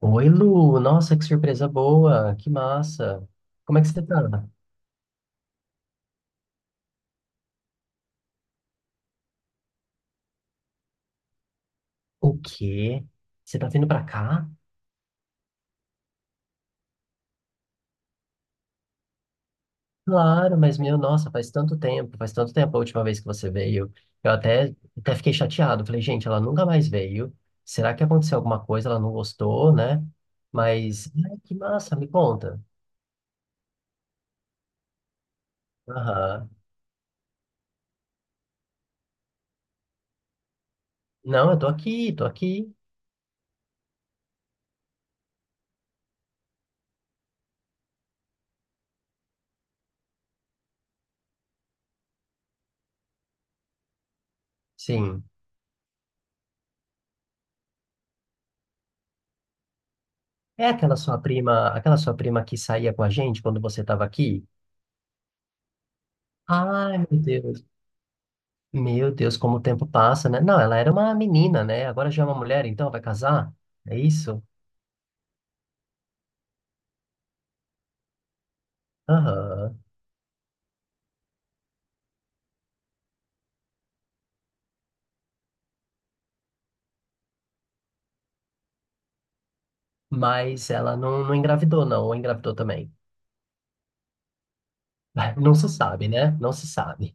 Oi, Lu. Nossa, que surpresa boa. Que massa. Como é que você tá? O quê? Você tá vindo pra cá? Claro, mas meu, nossa, faz tanto tempo a última vez que você veio. Eu até fiquei chateado. Falei, gente, ela nunca mais veio. Será que aconteceu alguma coisa? Ela não gostou, né? Mas, ai, que massa, me conta. Aham. Não, eu tô aqui, tô aqui. Sim. É aquela sua prima que saía com a gente quando você tava aqui? Ai, meu Deus. Meu Deus, como o tempo passa, né? Não, ela era uma menina, né? Agora já é uma mulher, então vai casar? É isso? Aham. Mas ela não, não engravidou, não, ou engravidou também. Não se sabe, né? Não se sabe.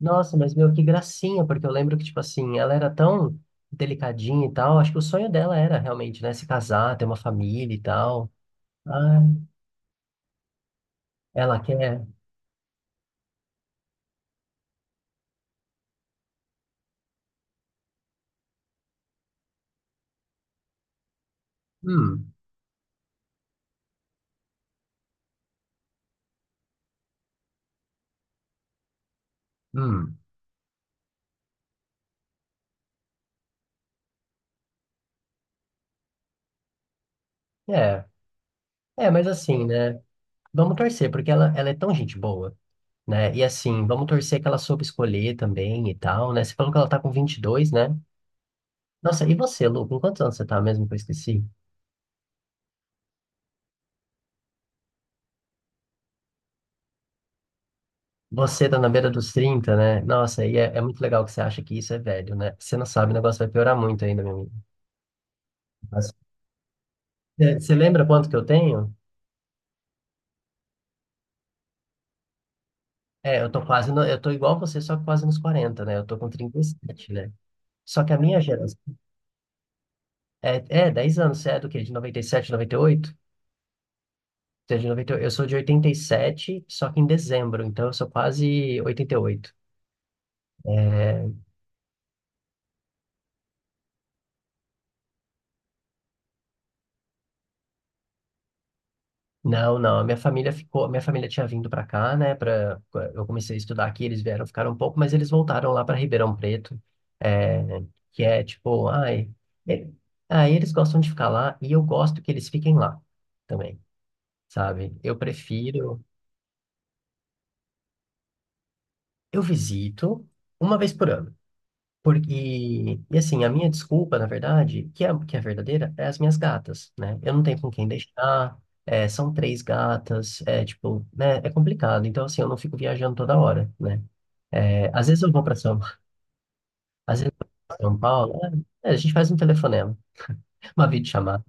Nossa, mas meu, que gracinha, porque eu lembro que, tipo assim, ela era tão delicadinha e tal. Acho que o sonho dela era realmente, né? Se casar, ter uma família e tal. Ah, ela quer. Hum, hum. É, é, mas assim, né? Vamos torcer, porque ela é tão gente boa. Né? E assim, vamos torcer que ela soube escolher também e tal, né? Você falou que ela tá com 22, né? Nossa, e você, Lu, com quantos anos você tá mesmo que eu esqueci? Você tá na beira dos 30, né? Nossa, e é, é muito legal que você acha que isso é velho, né? Você não sabe, o negócio vai piorar muito ainda, meu amigo. Mas, é, você lembra quanto que eu tenho? É, eu tô quase, eu tô igual você, só que quase nos 40, né? Eu tô com 37, né? Só que a minha geração... É, é 10 anos, você é do quê? De 97, 98? Você é de 98? Eu sou de 87 só que em dezembro, então eu sou quase oitenta e oito. É, não, não, a minha família ficou, a minha família tinha vindo para cá, né, para eu comecei a estudar aqui, eles vieram, ficaram um pouco, mas eles voltaram lá para Ribeirão Preto, é, que é tipo, ai, ele- aí eles gostam de ficar lá e eu gosto que eles fiquem lá também, sabe? Eu prefiro, eu visito uma vez por ano. Por, e assim, a minha desculpa, na verdade, que é verdadeira, é as minhas gatas, né? Eu não tenho com quem deixar, é, são três gatas, é tipo, né? É complicado. Então, assim, eu não fico viajando toda hora, né? É, às vezes eu vou pra São Paulo, é, a gente faz um telefonema, uma videochamada.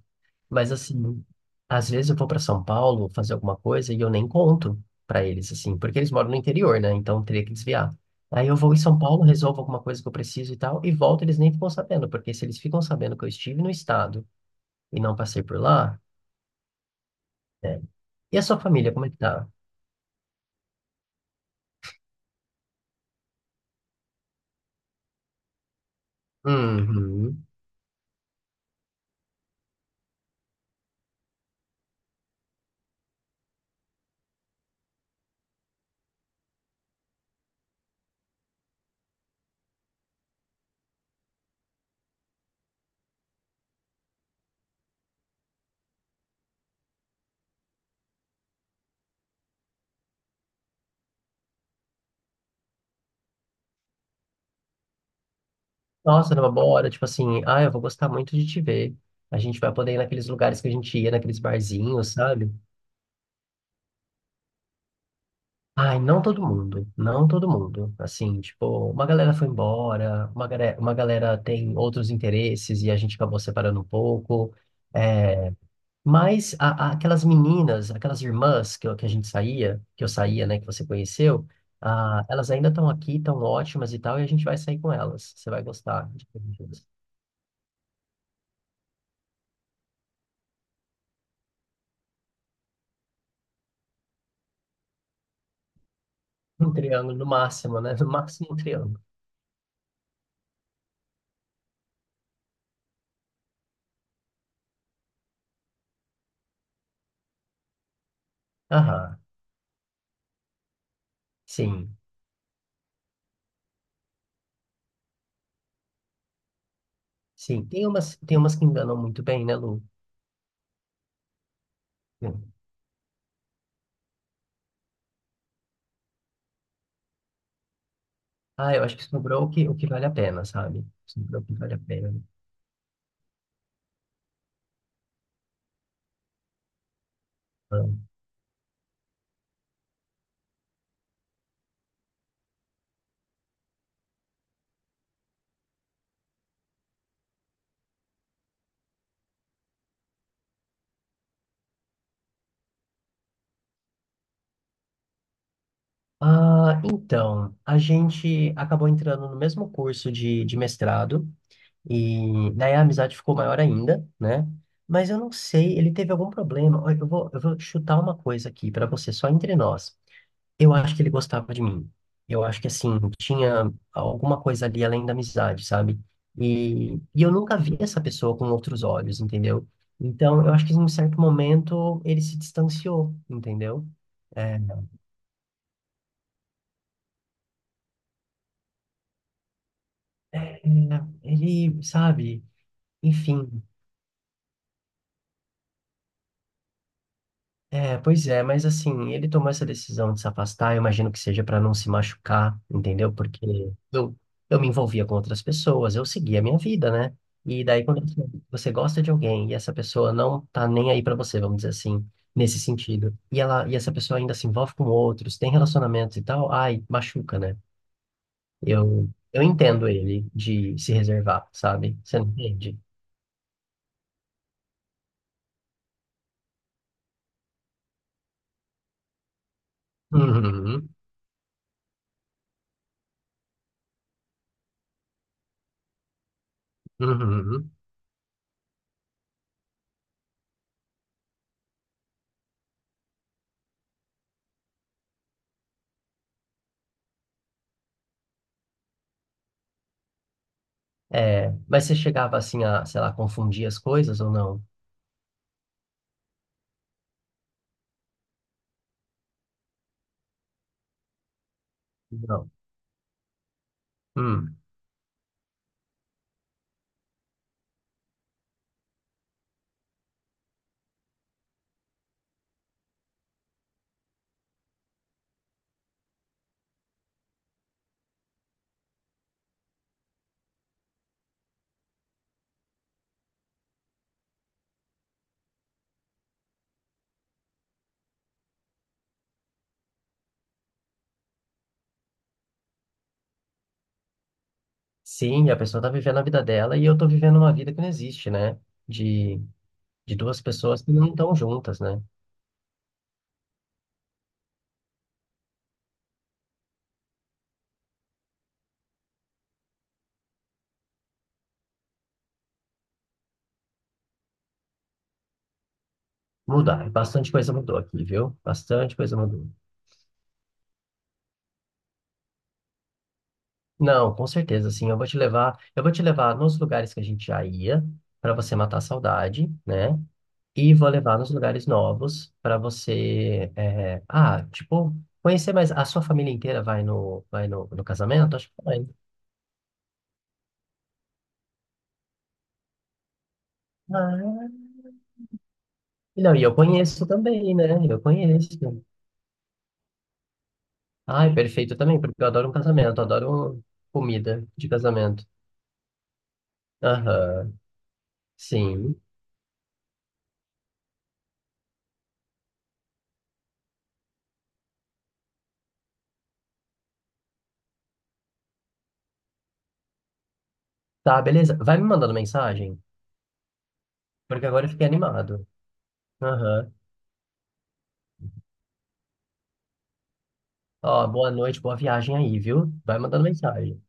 Mas assim, às vezes eu vou para São Paulo fazer alguma coisa e eu nem conto para eles, assim, porque eles moram no interior, né? Então teria que desviar. Aí eu vou em São Paulo, resolvo alguma coisa que eu preciso e tal, e volto, eles nem ficam sabendo, porque se eles ficam sabendo que eu estive no estado e não passei por lá, né? E a sua família, como é que tá? Uhum. Nossa, numa boa hora, tipo assim, ah, eu vou gostar muito de te ver. A gente vai poder ir naqueles lugares que a gente ia, naqueles barzinhos, sabe? Ai, não todo mundo, não todo mundo. Assim, tipo, uma galera foi embora, uma galera tem outros interesses e a gente acabou separando um pouco. É, mas aquelas meninas, aquelas irmãs que, que a gente saía, que eu saía, né, que você conheceu, ah, elas ainda estão aqui, estão ótimas e tal, e a gente vai sair com elas. Você vai gostar. Um triângulo no máximo, né? No máximo um triângulo. Aham, sim, sim. Tem umas que enganam muito bem, né, Lu? Ah, eu acho que sobrou o que, vale a pena, sabe? Sobrou o que vale a pena. Ah, então, a gente acabou entrando no mesmo curso de mestrado e daí a amizade ficou maior ainda, né? Mas eu não sei, ele teve algum problema. Olha, eu vou chutar uma coisa aqui para você, só entre nós. Eu acho que ele gostava de mim. Eu acho que, assim, tinha alguma coisa ali além da amizade, sabe? E eu nunca vi essa pessoa com outros olhos, entendeu? Então, eu acho que em um certo momento ele se distanciou, entendeu? É, é, ele, sabe? Enfim, é, pois é, mas assim, ele tomou essa decisão de se afastar, eu imagino que seja para não se machucar, entendeu? Porque eu, eu me envolvia com outras pessoas, eu seguia a minha vida, né? E daí, quando você gosta de alguém e essa pessoa não tá nem aí para você, vamos dizer assim, nesse sentido, e essa pessoa ainda se envolve com outros, tem relacionamentos e tal, ai, machuca, né? Eu entendo ele de se reservar, sabe? Você não entende? Uhum, uhum. É, mas você chegava assim a, sei lá, confundir as coisas ou não? Não. Hum. Sim, a pessoa tá vivendo a vida dela e eu tô vivendo uma vida que não existe, né? De, de duas pessoas que não estão juntas, né? Mudar. Bastante coisa mudou aqui, viu? Bastante coisa mudou. Não, com certeza, sim. Eu vou te levar, eu vou te levar nos lugares que a gente já ia para você matar a saudade, né? E vou levar nos lugares novos para você, é, ah, tipo, conhecer mais. A sua família inteira vai no casamento? Acho que vai. Ah, não, e eu conheço também, né? Eu conheço. Ai, perfeito também, porque eu adoro um casamento, eu adoro comida de casamento. Aham, sim. Tá, beleza. Vai me mandando mensagem, porque agora eu fiquei animado. Aham. Ó, boa noite, boa viagem aí, viu? Vai mandando mensagem.